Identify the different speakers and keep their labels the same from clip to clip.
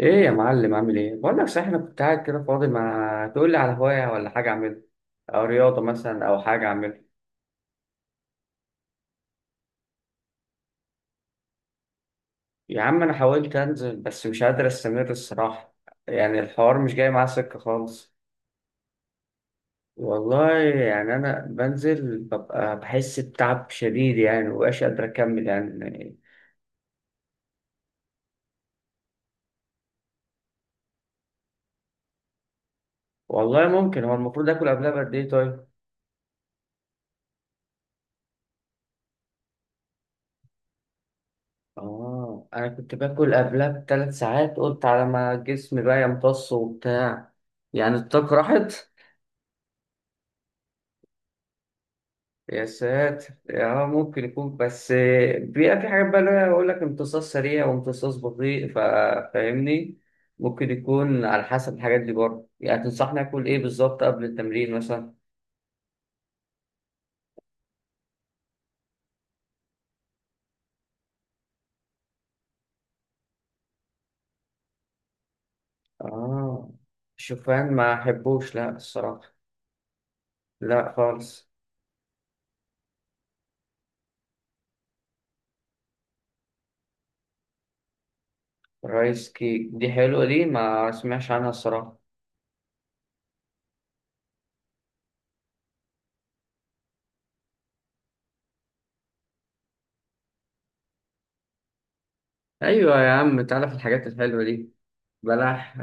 Speaker 1: ايه يا معلم، عامل ايه؟ بقول لك صحيح، انا كنت قاعد كده فاضي، ما تقول لي على هوايه ولا حاجه اعملها، او رياضه مثلا او حاجه اعملها. يا عم انا حاولت انزل بس مش قادر استمر الصراحه، يعني الحوار مش جاي معاه سكه خالص. والله يعني انا بنزل ببقى بحس بتعب شديد، يعني مبقاش قادر اكمل يعني. والله ممكن، هو المفروض اكل قبلها بقد ايه طيب؟ اه، انا كنت باكل قبلها ب3 ساعات، قلت على ما جسمي بقى يمتص وبتاع، يعني الطاقه راحت. يا ساتر. اه ممكن يكون، بس بيبقى في حاجات بقى اللي هي يقول لك امتصاص سريع وامتصاص بطيء، فاهمني. ممكن يكون على حسب الحاجات دي برضه. يعني تنصحني اكل ايه بالظبط قبل التمرين مثلا؟ اه. شوفان ما احبوش لا الصراحة. لا خالص. رايس كيك، دي حلوة، دي ما سمعش عنها الصراحة. ايوه يا عم، تعالى في الحاجات الحلوة دي. بلح.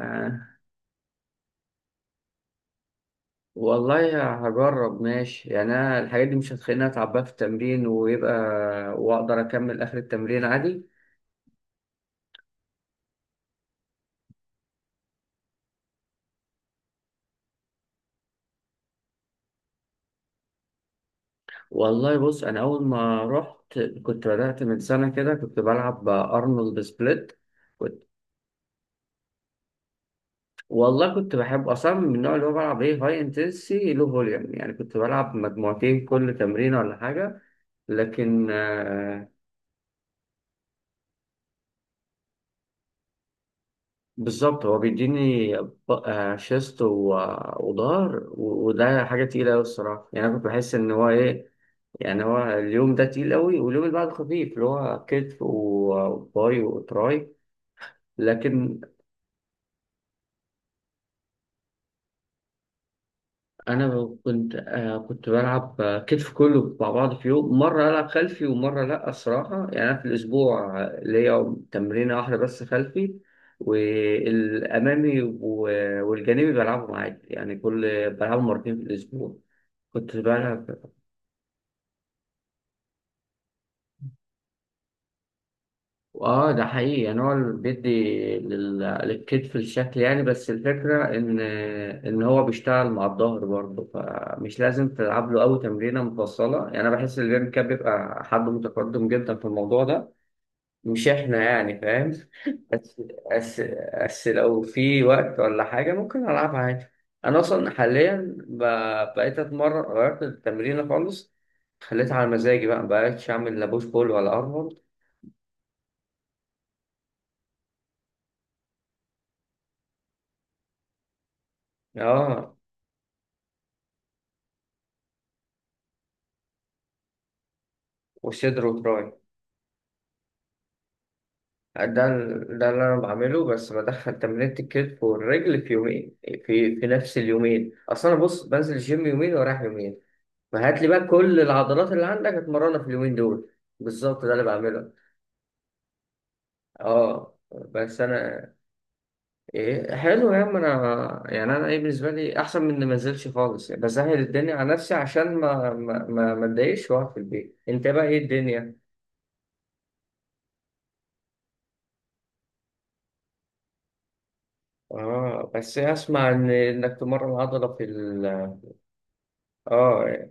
Speaker 1: والله هجرب ماشي، يعني انا الحاجات دي مش هتخليني اتعب بقى في التمرين ويبقى واقدر اكمل اخر التمرين عادي. والله بص، انا اول ما رحت كنت بدأت من سنة كده، كنت بلعب ارنولد سبليت. كنت والله كنت بحب اصلا من النوع اللي هو بلعب ايه، هاي انتنسي لو فوليوم، يعني كنت بلعب مجموعتين كل تمرين ولا حاجة. لكن. بالظبط، هو بيديني شيست وظهر، وده حاجة تقيلة أوي الصراحة، يعني أنا كنت بحس إن هو إيه. يعني هو اليوم ده تقيل أوي، واليوم اللي بعده خفيف، اللي هو كتف وباي وتراي. لكن. أنا كنت بلعب كتف كله مع بعض في يوم، مرة ألعب خلفي ومرة لأ الصراحة. يعني أنا في الأسبوع ليا تمرينة واحدة بس خلفي، والأمامي والجانبي بلعبهم عادي، يعني كل بلعبهم مرتين في الأسبوع. كنت بقى. اه ده حقيقي، يعني هو اللي بيدي للكتف الشكل يعني، بس الفكرة ان هو بيشتغل مع الظهر برضه، فمش لازم تلعب له قوي تمرينة مفصلة. يعني انا بحس ان الجيم كاب بيبقى حد متقدم جدا في الموضوع ده، مش احنا يعني، فاهم؟ بس. بس لو في وقت ولا حاجة ممكن ألعبها عادي. أنا أصلا حاليا بقيت أتمرن، غيرت التمرين خالص، خليتها على مزاجي بقى، مبقتش أعمل لا بوش بول ولا أرنولد. اه، وصدر وتراي. ده اللي انا بعمله، بس بدخل تمرينة الكتف والرجل في يومين، في نفس اليومين، اصل انا بص بنزل الجيم يومين ورايح يومين. فهات لي بقى كل العضلات اللي عندك اتمرنها في اليومين دول. بالظبط ده اللي بعمله. اه بس انا. ايه حلو يا عم، انا يعني انا ايه بالنسبه لي احسن من إني ما انزلش خالص، يعني بسهل الدنيا على نفسي عشان ما اتضايقش واقعد في البيت. انت بقى ايه الدنيا؟ اه بس اسمع ان انك تمرن عضله في ال. اه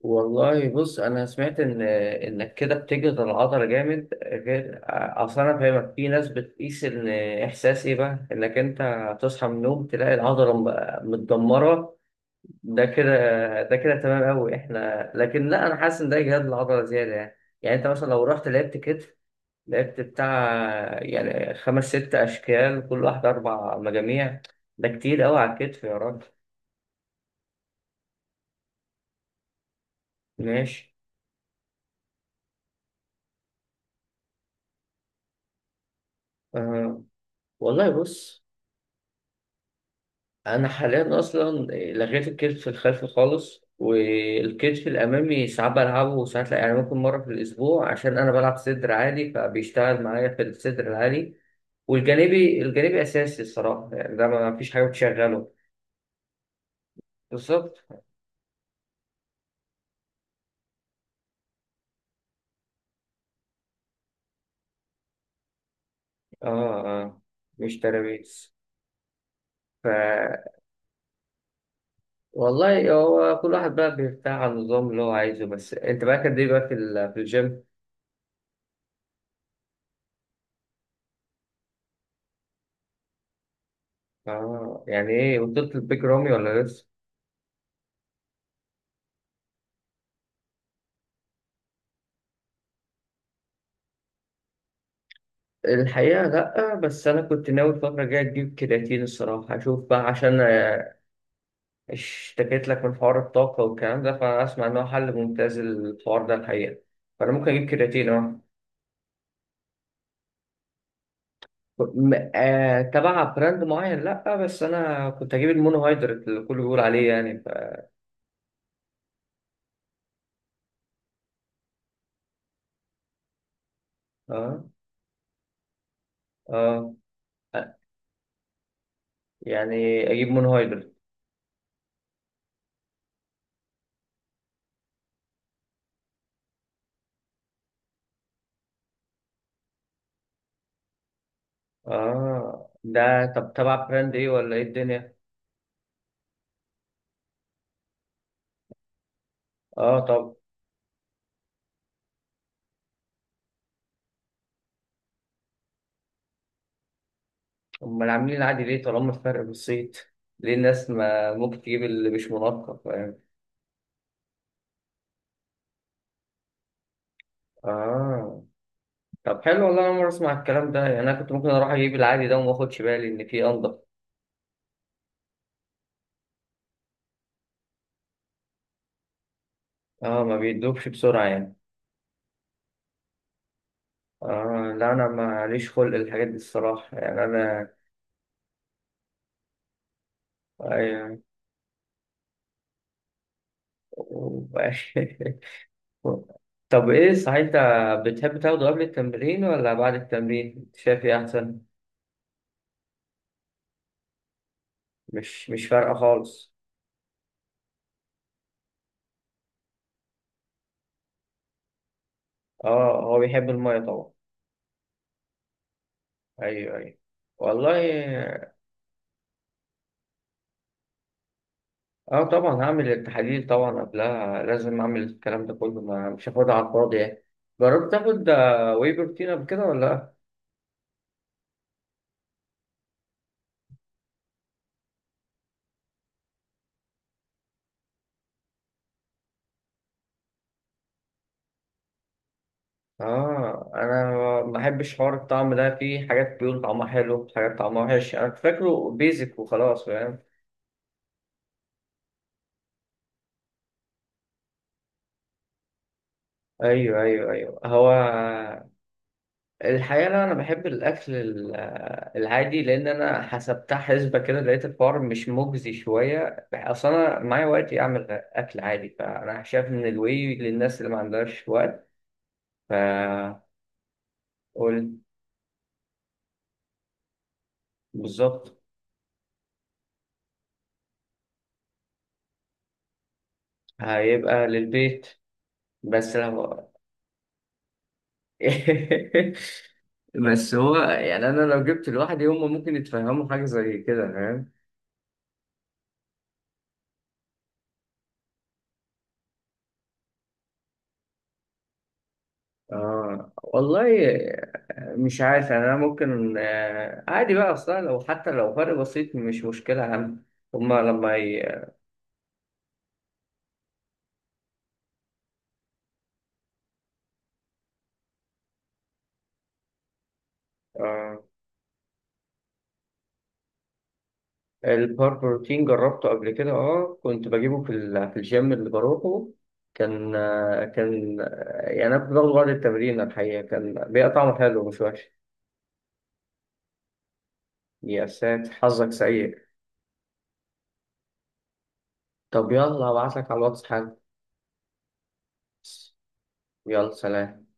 Speaker 1: والله بص، انا سمعت ان انك كده بتجهد العضله جامد غير. اصل انا فاهمك، في ناس بتقيس ان احساس ايه بقى انك انت تصحى من النوم تلاقي العضله متدمره، ده كده. ده كده تمام قوي احنا، لكن لا انا حاسس ان ده اجهاد العضله زياده يعني. يعني انت مثلا لو رحت لعبت كتف، لعبت بتاع يعني خمس ست اشكال، كل واحده 4 مجاميع. ده كتير قوي على الكتف يا راجل. ماشي. أه والله بص، انا حاليا اصلا لغيت الكتف الخلفي خالص، والكتف الامامي ساعات بلعبه وساعات لا، يعني ممكن مره في الاسبوع عشان انا بلعب صدر عالي فبيشتغل معايا في الصدر العالي. والجانبي، الجانبي اساسي الصراحه، يعني ده ما فيش حاجه بتشغله. بالظبط. اه اه، مش ترابيز. ف والله هو كل واحد بقى بيرتاح على النظام اللي هو عايزه. بس انت بقى كان ايه بقى في في الجيم؟ اه. يعني ايه، وصلت البيج رامي ولا؟ الحقيقة لأ، بس أنا كنت ناوي الفترة الجاية أجيب كرياتين الصراحة، أشوف بقى عشان. اشتكيت لك من حوار الطاقة والكلام ده، فأنا أسمع إن هو حل ممتاز الحوار ده الحقيقة، فأنا ممكن أجيب كرياتين أه. تبع براند معين لأ، بس أنا كنت أجيب المونو هيدرات اللي الكل بيقول عليه يعني ف... أه. أه. يعني أجيب مونو هيدرات. أه، ده طب تبع براند إيه ولا إيه الدنيا؟ أه. أمال عاملين العادي ليه طالما الفرق بسيط؟ ليه الناس ما ممكن تجيب اللي مش منقط، فاهم؟ آه طب حلو، والله أنا أول مرة أسمع الكلام ده، يعني أنا كنت ممكن أروح أجيب العادي ده وما أخدش بالي إن فيه أنضف. آه، ما بيدوبش بسرعة يعني. آه لا، أنا ماليش خلق الحاجات دي الصراحة يعني أنا. أيوة. طب إيه صحيح، أنت بتحب تاخده قبل التمرين ولا بعد التمرين؟ شايف إيه أحسن؟ مش فارقة خالص. آه، هو بيحب المية طبعا. ايوه ايوه. والله. اه طبعا هعمل التحاليل طبعا قبلها، لازم اعمل الكلام ده كله، ما مش هاخدها على الفاضي يعني. جربت تاخد واي بروتين قبل كده ولا لا؟ اه. انا ما بحبش حوار الطعم ده، في حاجات بيقول طعمها حلو، حاجات طعمها وحش، انا كنت فاكره بيزك وخلاص، فاهم. ايوه ايوه ايوه هو. الحقيقة لا، أنا بحب الأكل العادي، لأن أنا حسبتها حسبة كده لقيت الحوار مش مجزي شوية، أصل أنا معايا وقت أعمل أكل عادي، فأنا شايف إن الواي للناس اللي ما عندهاش وقت. فقول. بالظبط. هيبقى للبيت، بس لو. بس هو يعني، أنا لو جبت لوحدي هما ممكن يتفهموا حاجة زي كده، فاهم. آه والله. مش عارف يعني. أنا ممكن عادي بقى، أصلا لو حتى لو فرق بسيط مش مشكلة أهم. هما لما آه. البار بروتين جربته قبل كده، أه كنت بجيبه في في الجيم اللي بروحه، كان آه، يعني أنا كنت باخده بعد التمرين الحقيقة، كان بيبقى طعمه حلو مش وحش. يا ساتر، حظك سيء. طب يلا أبعتلك على الواتس حالا. يلا سلام.